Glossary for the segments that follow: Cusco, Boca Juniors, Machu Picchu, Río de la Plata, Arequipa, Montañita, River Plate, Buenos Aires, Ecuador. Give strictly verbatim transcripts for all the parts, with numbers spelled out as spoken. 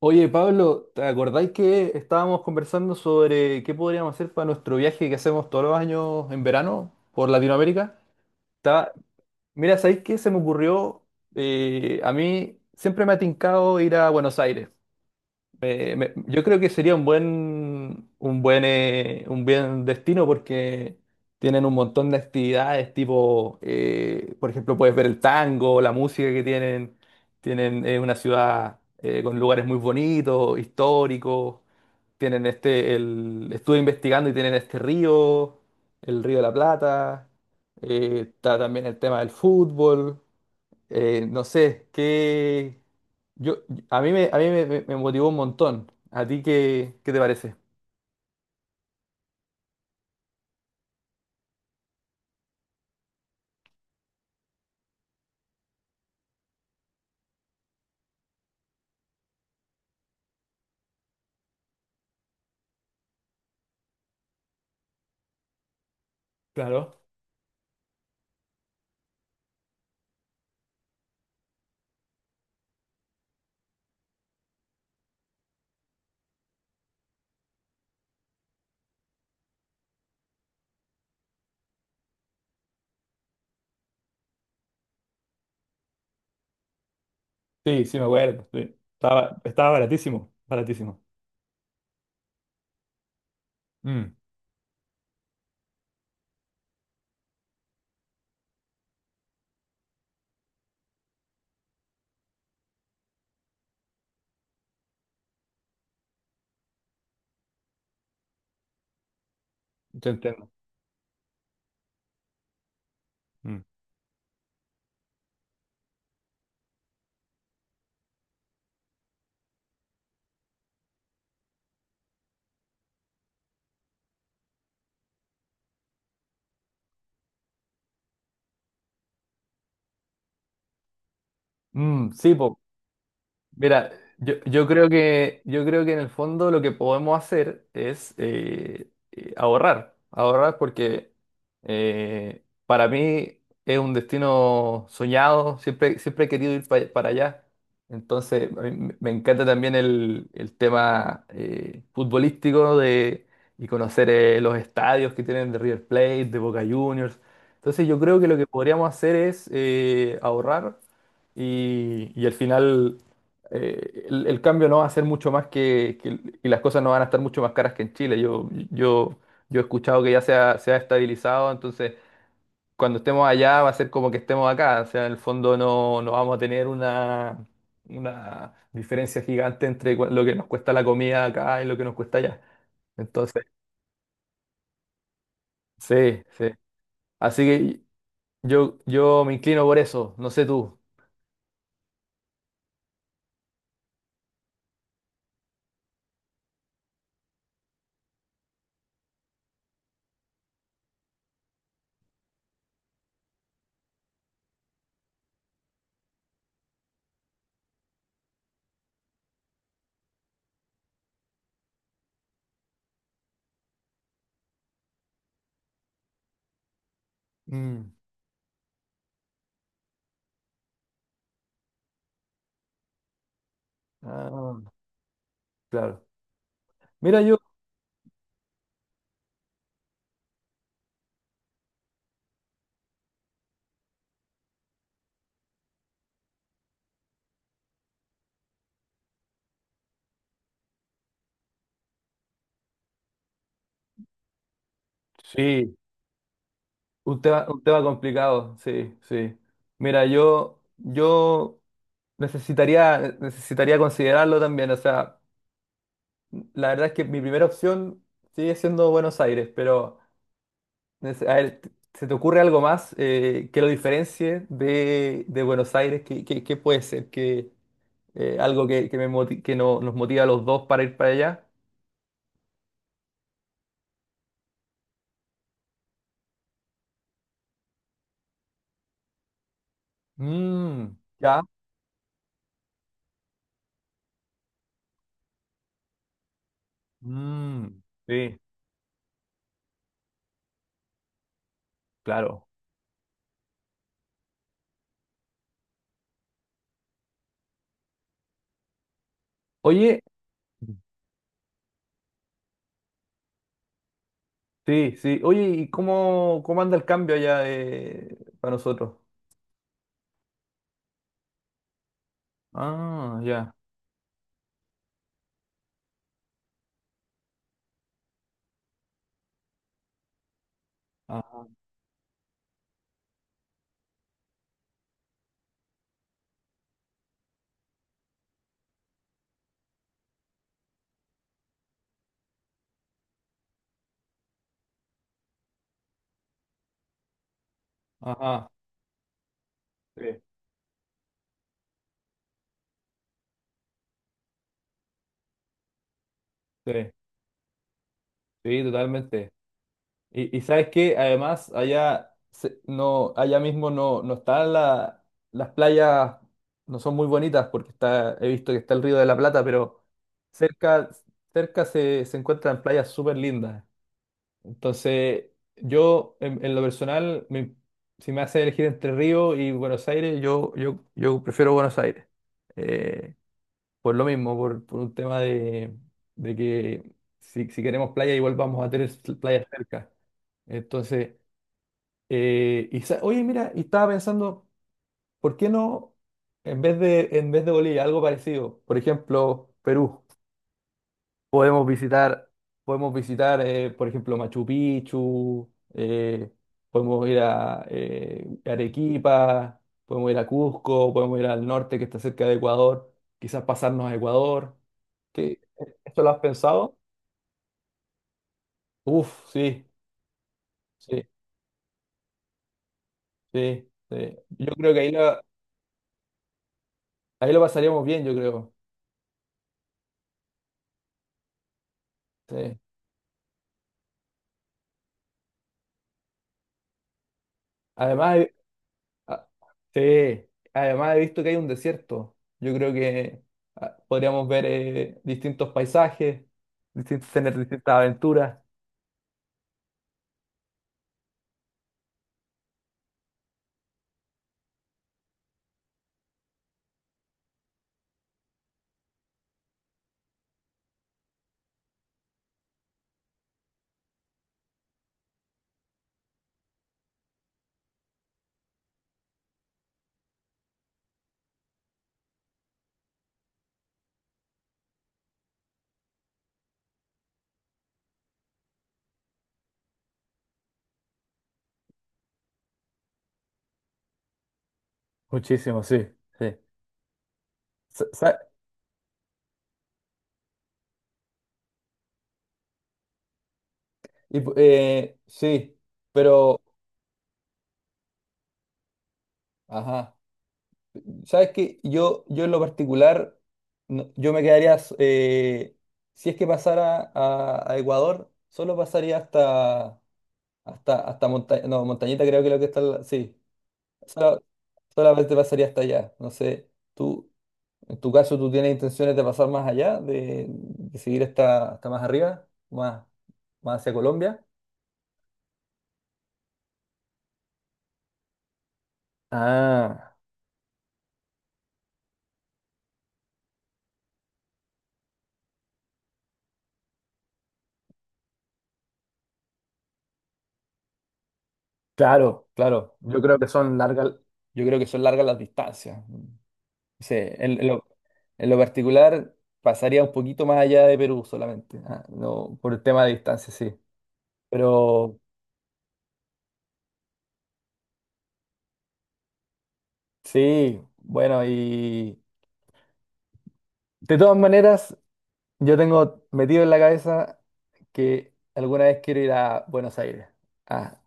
Oye, Pablo, ¿te acordáis que estábamos conversando sobre qué podríamos hacer para nuestro viaje que hacemos todos los años en verano por Latinoamérica? Estaba- Mira, ¿sabéis qué se me ocurrió? Eh, a mí siempre me ha tincado ir a Buenos Aires. Me- me- yo creo que sería un buen, un buen, eh, un buen destino porque tienen un montón de actividades, tipo, eh, por ejemplo, puedes ver el tango, la música que tienen. Tienen eh, una ciudad eh, con lugares muy bonitos, históricos. Tienen este, el, estuve investigando y tienen este río, el Río de la Plata. Eh, está también el tema del fútbol. Eh, no sé, qué yo, a mí me, a mí me, me- me motivó un montón. ¿A ti qué, qué te parece? Claro. Sí, sí, me acuerdo, sí. Estaba, estaba baratísimo, baratísimo. Mm, te entiendo. Mm. Mm, sí, po. Mira, yo, yo creo que, yo creo que en el fondo lo que podemos hacer es eh, eh, ahorrar, ahorrar porque eh, para mí es un destino soñado, siempre, siempre he querido ir pa- para allá. Entonces, a mí me me encanta también el, el tema eh, futbolístico de, y conocer eh, los estadios que tienen de River Plate, de Boca Juniors. Entonces, yo creo que lo que podríamos hacer es eh, ahorrar y, y al final eh, el, el cambio no va a ser mucho más que, que- y las cosas no van a estar mucho más caras que en Chile. Yo, yo, yo he escuchado que ya se ha, se ha estabilizado, entonces cuando estemos allá va a ser como que estemos acá. O sea, en el fondo no, no vamos a tener una, una diferencia gigante entre cua- lo que nos cuesta la comida acá y lo que nos cuesta allá. Entonces, sí, sí. Así que yo, yo me inclino por eso, no sé tú. Mm. Ah, claro. Mira, yo... Sí, un tema, un tema complicado, sí, sí. Mira, yo, yo necesitaría, necesitaría considerarlo también. O sea, la verdad es que mi primera opción sigue siendo Buenos Aires, pero nece- a ver, ¿se te ocurre algo más eh, que lo diferencie de, de Buenos Aires? ¿Qué, qué- qué puede ser? ¿Qué, eh, algo que, que, me moti- que no- nos motiva a los dos para ir para allá? Mm, ya. Mm, sí, claro. Oye. Sí, sí. Oye, ¿y cómo, cómo anda el cambio allá eh, para nosotros? Ah, ya. Ah, ajá. Sí, sí, sí, totalmente. Y, y sabes qué, además, allá se- no, allá mismo no, no están la- las playas, no son muy bonitas porque está, he visto que está el Río de la Plata, pero cerca, cerca se, se encuentran playas súper lindas. Entonces, yo en, en lo personal, me- si me hace elegir entre Río y Buenos Aires, yo, yo, yo prefiero Buenos Aires. Eh, por lo mismo, por, por un tema de, de que si, si queremos playa, igual vamos a tener playas cerca. Entonces, eh, y sa- oye, mira, y estaba pensando, ¿por qué no, en vez de, en vez de Bolivia, algo parecido? Por ejemplo, Perú. Podemos visitar, podemos visitar, eh, por ejemplo, Machu Picchu, eh, podemos ir a eh, Arequipa, podemos ir a Cusco, podemos ir al norte que está cerca de Ecuador, quizás pasarnos a Ecuador. ¿Qué- ¿Esto lo has pensado? Uf, sí, sí, sí, sí. Yo creo que ahí lo, ahí lo pasaríamos bien, yo creo. Sí. Además, ah, sí, además he visto que hay un desierto. Yo creo que ah, podríamos ver eh, distintos paisajes, distintos, tener distintas aventuras. Muchísimo, sí, sí. Sa- sa- y pu- eh, sí, pero, ajá, ¿sabes qué? Yo, yo en lo particular, no- yo me quedaría, s- eh, si es que pasara a, a Ecuador, solo pasaría hasta, hasta, hasta Monta- no, Montañita creo que es lo que está, al- sí, Sola- solamente pasaría hasta allá. No sé, tú, en tu caso, ¿tú tienes intenciones de pasar más allá, de, de seguir hasta, hasta más arriba, más, más hacia Colombia? Ah, claro, claro. Yo creo que son largas, yo creo que son largas las distancias. Sí, en, en lo, en lo particular pasaría un poquito más allá de Perú solamente, ah, no, por el tema de distancia, sí. Pero sí, bueno, y de todas maneras. Yo tengo metido en la cabeza que alguna vez quiero ir a Buenos Aires. Ah,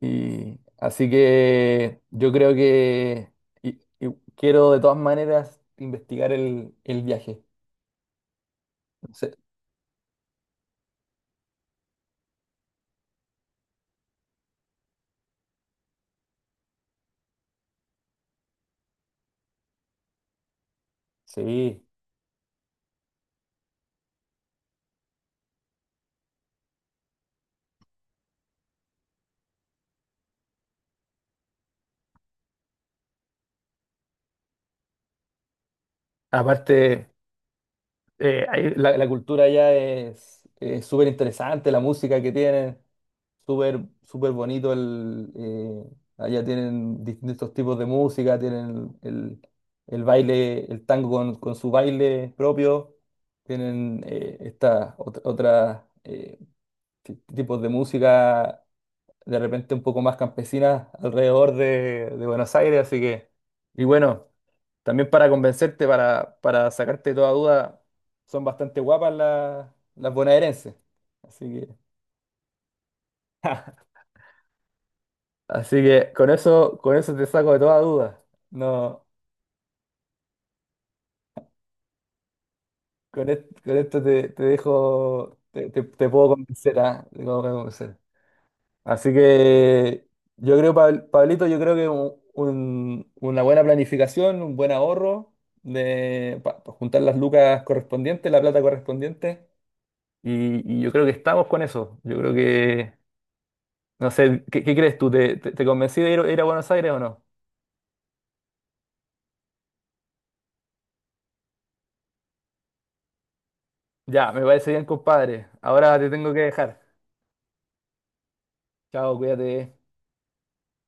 y así que yo creo que y- y quiero de todas maneras investigar el, el viaje. No sé. Sí. Aparte, eh, hay- la, la cultura ya es es súper interesante, la música que tienen, súper súper bonito el, eh, allá tienen distintos tipos de música, tienen el, el baile, el tango con, con su baile propio, tienen eh, esta ot- otra, eh, ti- tipos de música de repente un poco más campesinas alrededor de, de Buenos Aires, así que, y bueno. También para convencerte, para, para sacarte toda duda, son bastante guapas las, las bonaerenses. Así que, así que con eso, con eso te saco de toda duda. No, con, es- con esto te, te dejo, te, te- te puedo convencer, ¿ah? Te puedo convencer. Así que yo creo, Pab- Pablito, yo creo que un- un- una buena planificación, un buen ahorro de, pa- pa juntar las lucas correspondientes, la plata correspondiente. Y, y yo creo que estamos con eso. Yo creo que, no sé, ¿qué, qué crees tú? ¿Te, te, te convencí de ir, ir a Buenos Aires o no? Ya, me parece bien, compadre. Ahora te tengo que dejar. Chao, cuídate.